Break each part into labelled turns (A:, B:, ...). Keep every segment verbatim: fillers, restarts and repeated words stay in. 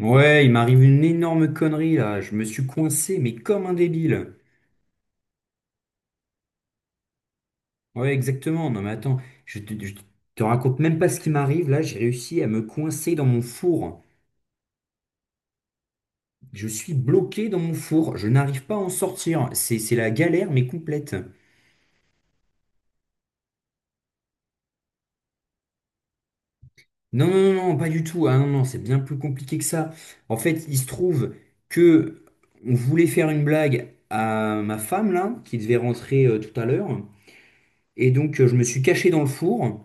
A: Ouais, il m'arrive une énorme connerie là. Je me suis coincé, mais comme un débile. Ouais, exactement. Non, mais attends, je te, je te raconte même pas ce qui m'arrive. Là, j'ai réussi à me coincer dans mon four. Je suis bloqué dans mon four. Je n'arrive pas à en sortir. C'est, c'est la galère, mais complète. Non, non, non, non, pas du tout. Ah non, non, c'est bien plus compliqué que ça. En fait, il se trouve que on voulait faire une blague à ma femme là, qui devait rentrer euh, tout à l'heure. Et donc, euh, je me suis caché dans le four.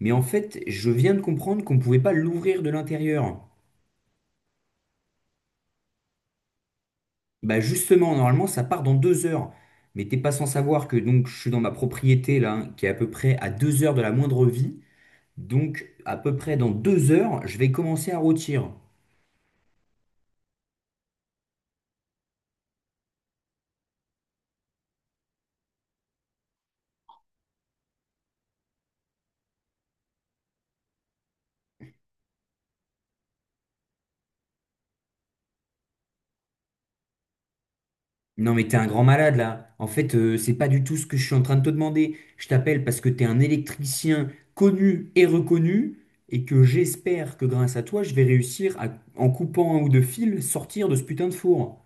A: Mais en fait, je viens de comprendre qu'on ne pouvait pas l'ouvrir de l'intérieur. Bah justement, normalement, ça part dans deux heures. Mais t'es pas sans savoir que donc je suis dans ma propriété là, hein, qui est à peu près à deux heures de la moindre vie. Donc à peu près dans deux heures, je vais commencer à rôtir. Non mais t'es un grand malade là. En fait, euh, c'est pas du tout ce que je suis en train de te demander. Je t'appelle parce que t'es un électricien connu et reconnu et que j'espère que grâce à toi, je vais réussir à, en coupant un ou deux fils, sortir de ce putain de four.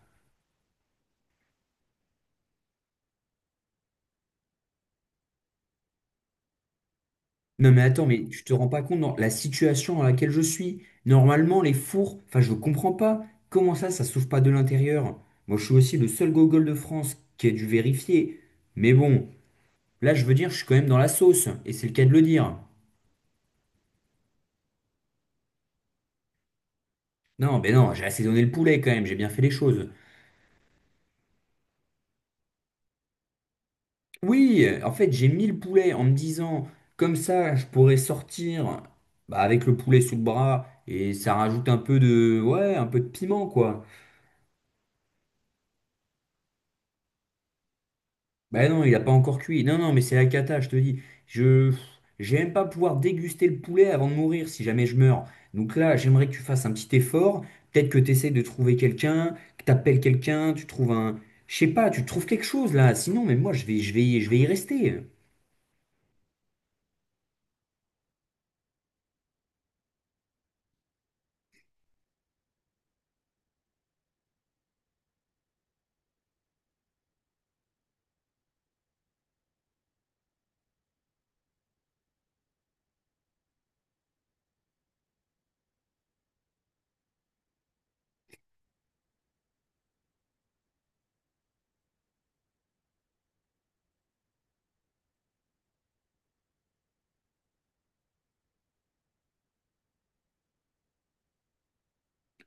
A: Non mais attends, mais tu te rends pas compte dans la situation dans laquelle je suis. Normalement, les fours, enfin je comprends pas. Comment ça, ça s'ouvre pas de l'intérieur? Moi, je suis aussi le seul gogol de France qui a dû vérifier. Mais bon, là, je veux dire, je suis quand même dans la sauce, et c'est le cas de le dire. Non, mais non, j'ai assaisonné le poulet quand même, j'ai bien fait les choses. Oui, euh, en fait, j'ai mis le poulet en me disant, comme ça, je pourrais sortir bah, avec le poulet sous le bras, et ça rajoute un peu de, ouais, un peu de piment, quoi. Bah non, il n'a pas encore cuit. Non, non, mais c'est la cata, je te dis. Je J'aime pas pouvoir déguster le poulet avant de mourir si jamais je meurs. Donc là, j'aimerais que tu fasses un petit effort. Peut-être que tu essaies de trouver quelqu'un, que tu appelles quelqu'un, tu trouves un... Je sais pas, tu trouves quelque chose là. Sinon, mais moi, je vais, je vais, je vais y rester.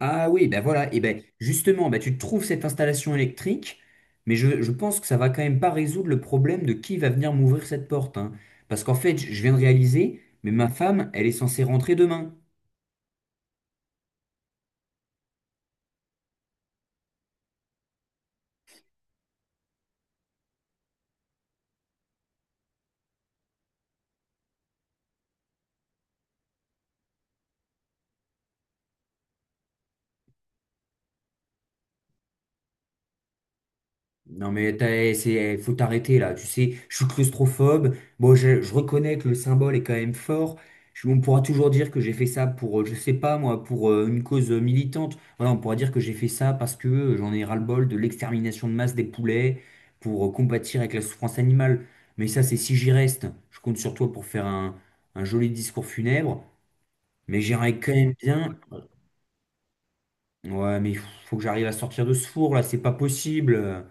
A: Ah oui, ben voilà. Et ben justement, ben tu trouves cette installation électrique, mais je, je pense que ça va quand même pas résoudre le problème de qui va venir m'ouvrir cette porte, hein. Parce qu'en fait, je viens de réaliser, mais ma femme, elle est censée rentrer demain. Non mais t'as- c'est, faut t'arrêter là, tu sais, je suis claustrophobe, bon je, je reconnais que le symbole est quand même fort. Je- on pourra toujours dire que j'ai fait ça pour, euh, je sais pas moi, pour euh, une cause euh, militante, voilà, on pourra dire que j'ai fait ça parce que euh, j'en ai ras-le-bol de l'extermination de masse des poulets, pour euh, combattre avec la souffrance animale, mais ça c'est si j'y reste, je compte sur toi pour faire un, un joli discours funèbre, mais j'aimerais quand même bien, ouais mais faut que j'arrive à sortir de ce four là, c'est pas possible.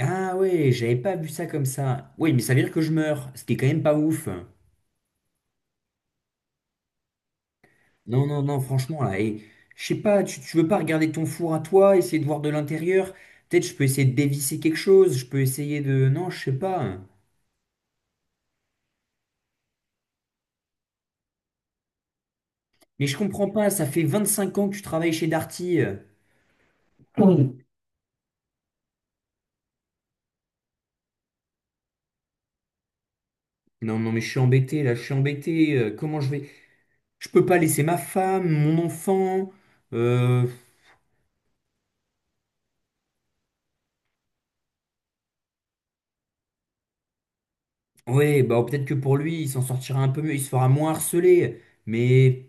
A: Ah ouais, j'avais pas vu ça comme ça. Oui, mais ça veut dire que je meurs, ce qui est quand même pas ouf. Non, non, non, franchement, là, et, je sais pas, tu, tu veux pas regarder ton four à toi, essayer de voir de l'intérieur? Peut-être je peux essayer de dévisser quelque chose, je peux essayer de... Non, je sais pas. Mais je comprends pas, ça fait vingt-cinq ans que tu travailles chez Darty. Oui. Non, non, mais je suis embêté, là, je suis embêté, euh, comment je vais... Je peux pas laisser ma femme, mon enfant. Euh... Ouais, bah peut-être que pour lui, il s'en sortira un peu mieux, il se fera moins harceler. Mais...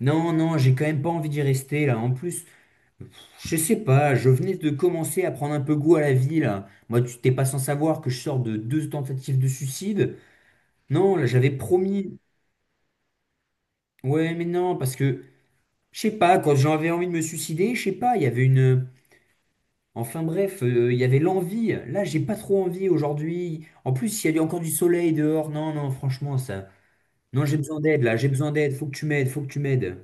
A: Non, non, j'ai quand même pas envie d'y rester là. En plus, je sais pas, je venais de commencer à prendre un peu goût à la vie là. Moi, tu t'es pas sans savoir que je sors de deux tentatives de suicide. Non, là, j'avais promis. Ouais, mais non, parce que, je sais pas, quand j'avais envie de me suicider, je sais pas, il y avait une. Enfin bref, euh, il y avait l'envie. Là, j'ai pas trop envie aujourd'hui. En plus, il y a du- encore du soleil dehors. Non, non, franchement, ça. Non, j'ai besoin d'aide là, j'ai besoin d'aide. Faut que tu m'aides, faut que tu m'aides.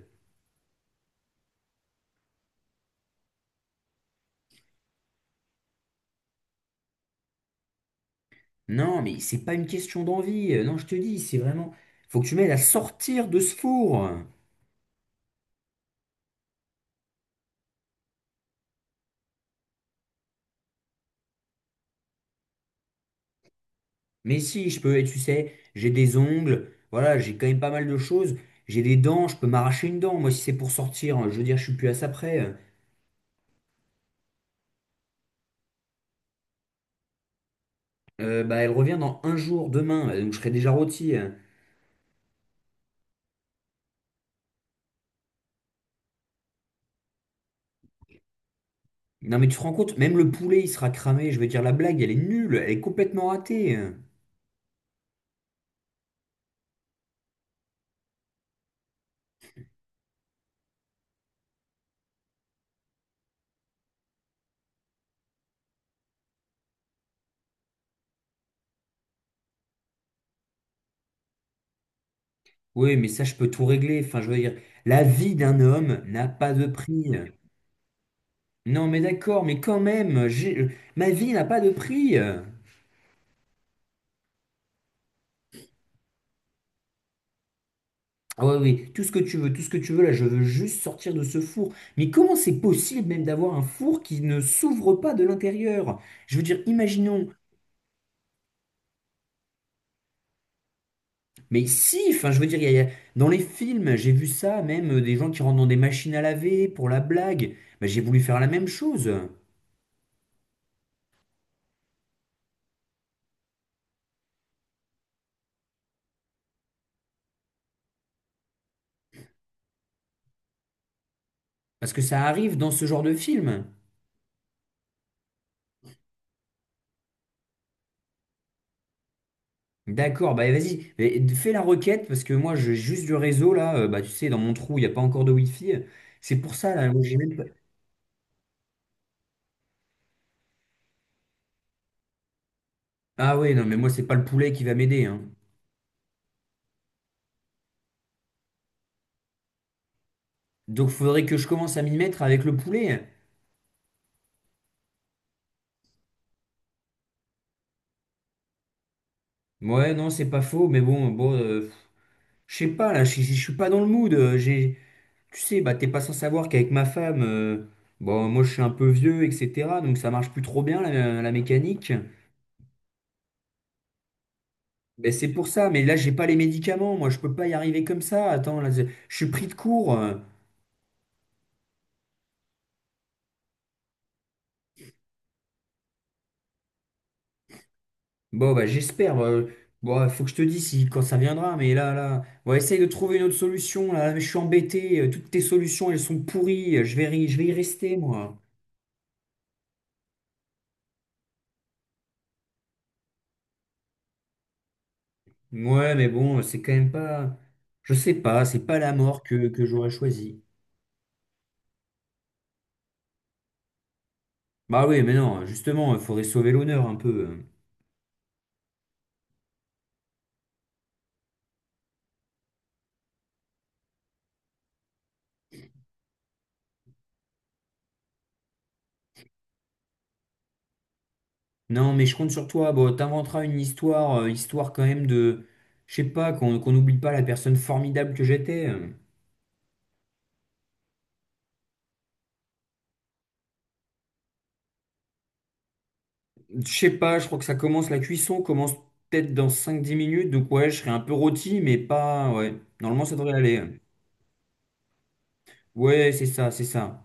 A: Non, mais c'est pas une question d'envie. Euh, Non, je te dis, c'est vraiment. Faut que tu m'aides à sortir de ce four. Mais si, je peux, tu sais, j'ai des ongles, voilà, j'ai quand même pas mal de choses. J'ai des dents, je peux m'arracher une dent, moi, si c'est pour sortir, hein. Je veux dire, je suis plus à ça près. Euh, Euh, bah, elle revient dans un jour, demain, euh, donc je serai déjà rôti, hein. Non, mais tu te rends compte, même le poulet, il sera cramé. Je veux dire, la blague, elle est nulle, elle est complètement ratée, hein. Oui, mais ça, je peux tout régler. Enfin, je veux dire, la vie d'un homme n'a pas de prix. Non, mais d'accord, mais quand même, j'ai- euh, ma vie n'a pas de prix, euh. Ah ouais, oui, tout ce que tu veux, tout ce que tu veux, là, je veux juste sortir de ce four. Mais comment c'est possible même d'avoir un four qui ne s'ouvre pas de l'intérieur? Je veux dire, imaginons, mais si, enfin, je veux dire, il y a- il y a- dans les films, j'ai vu ça, même euh, des gens qui rentrent dans des machines à laver pour la blague. Bah, j'ai voulu faire la même chose, parce que ça arrive dans ce genre de film. D'accord, bah vas-y, mais fais la requête parce que moi j'ai juste du réseau là, euh, bah tu sais, dans mon trou, il n'y a pas encore de Wi-Fi. C'est pour ça là, moi, j'ai même pas- Ah ouais, non, mais moi c'est pas le poulet qui va m'aider, hein. Donc faudrait que je commence à m'y mettre avec le poulet. Ouais, non, c'est pas faux, mais bon, bon, euh, pff, je sais pas là, je je- je suis pas dans le mood, euh, j'ai, tu sais, bah t'es pas sans savoir qu'avec ma femme, euh, bon, moi je suis un peu vieux, et cetera. Donc ça marche plus trop bien la la mécanique. Ben c'est pour ça, mais là j'ai pas les médicaments, moi je peux pas y arriver comme ça. Attends, là, je je suis pris de court, euh. Bon bah j'espère, euh, bon, faut que je te dise si quand ça viendra, mais là là, on essaye de trouver une autre solution. Là, mais je suis embêté, euh, toutes tes solutions elles sont pourries, euh, Je vais ri- je vais y rester moi. Ouais, mais bon, c'est quand même pas. Je sais pas, c'est pas la mort que que j'aurais choisi. Bah oui, mais non, justement, il faudrait sauver l'honneur un peu, hein. Non, mais je compte sur toi. Bon, t'inventeras une histoire, euh, histoire quand même de, je sais pas, qu'on qu'on n'oublie pas la personne formidable que j'étais. Euh, Je sais pas, je crois que ça commence, la cuisson commence peut-être dans cinq dix minutes, donc ouais, je serai un peu rôti, mais pas, ouais. Normalement, ça devrait aller. Ouais, c'est ça, c'est ça.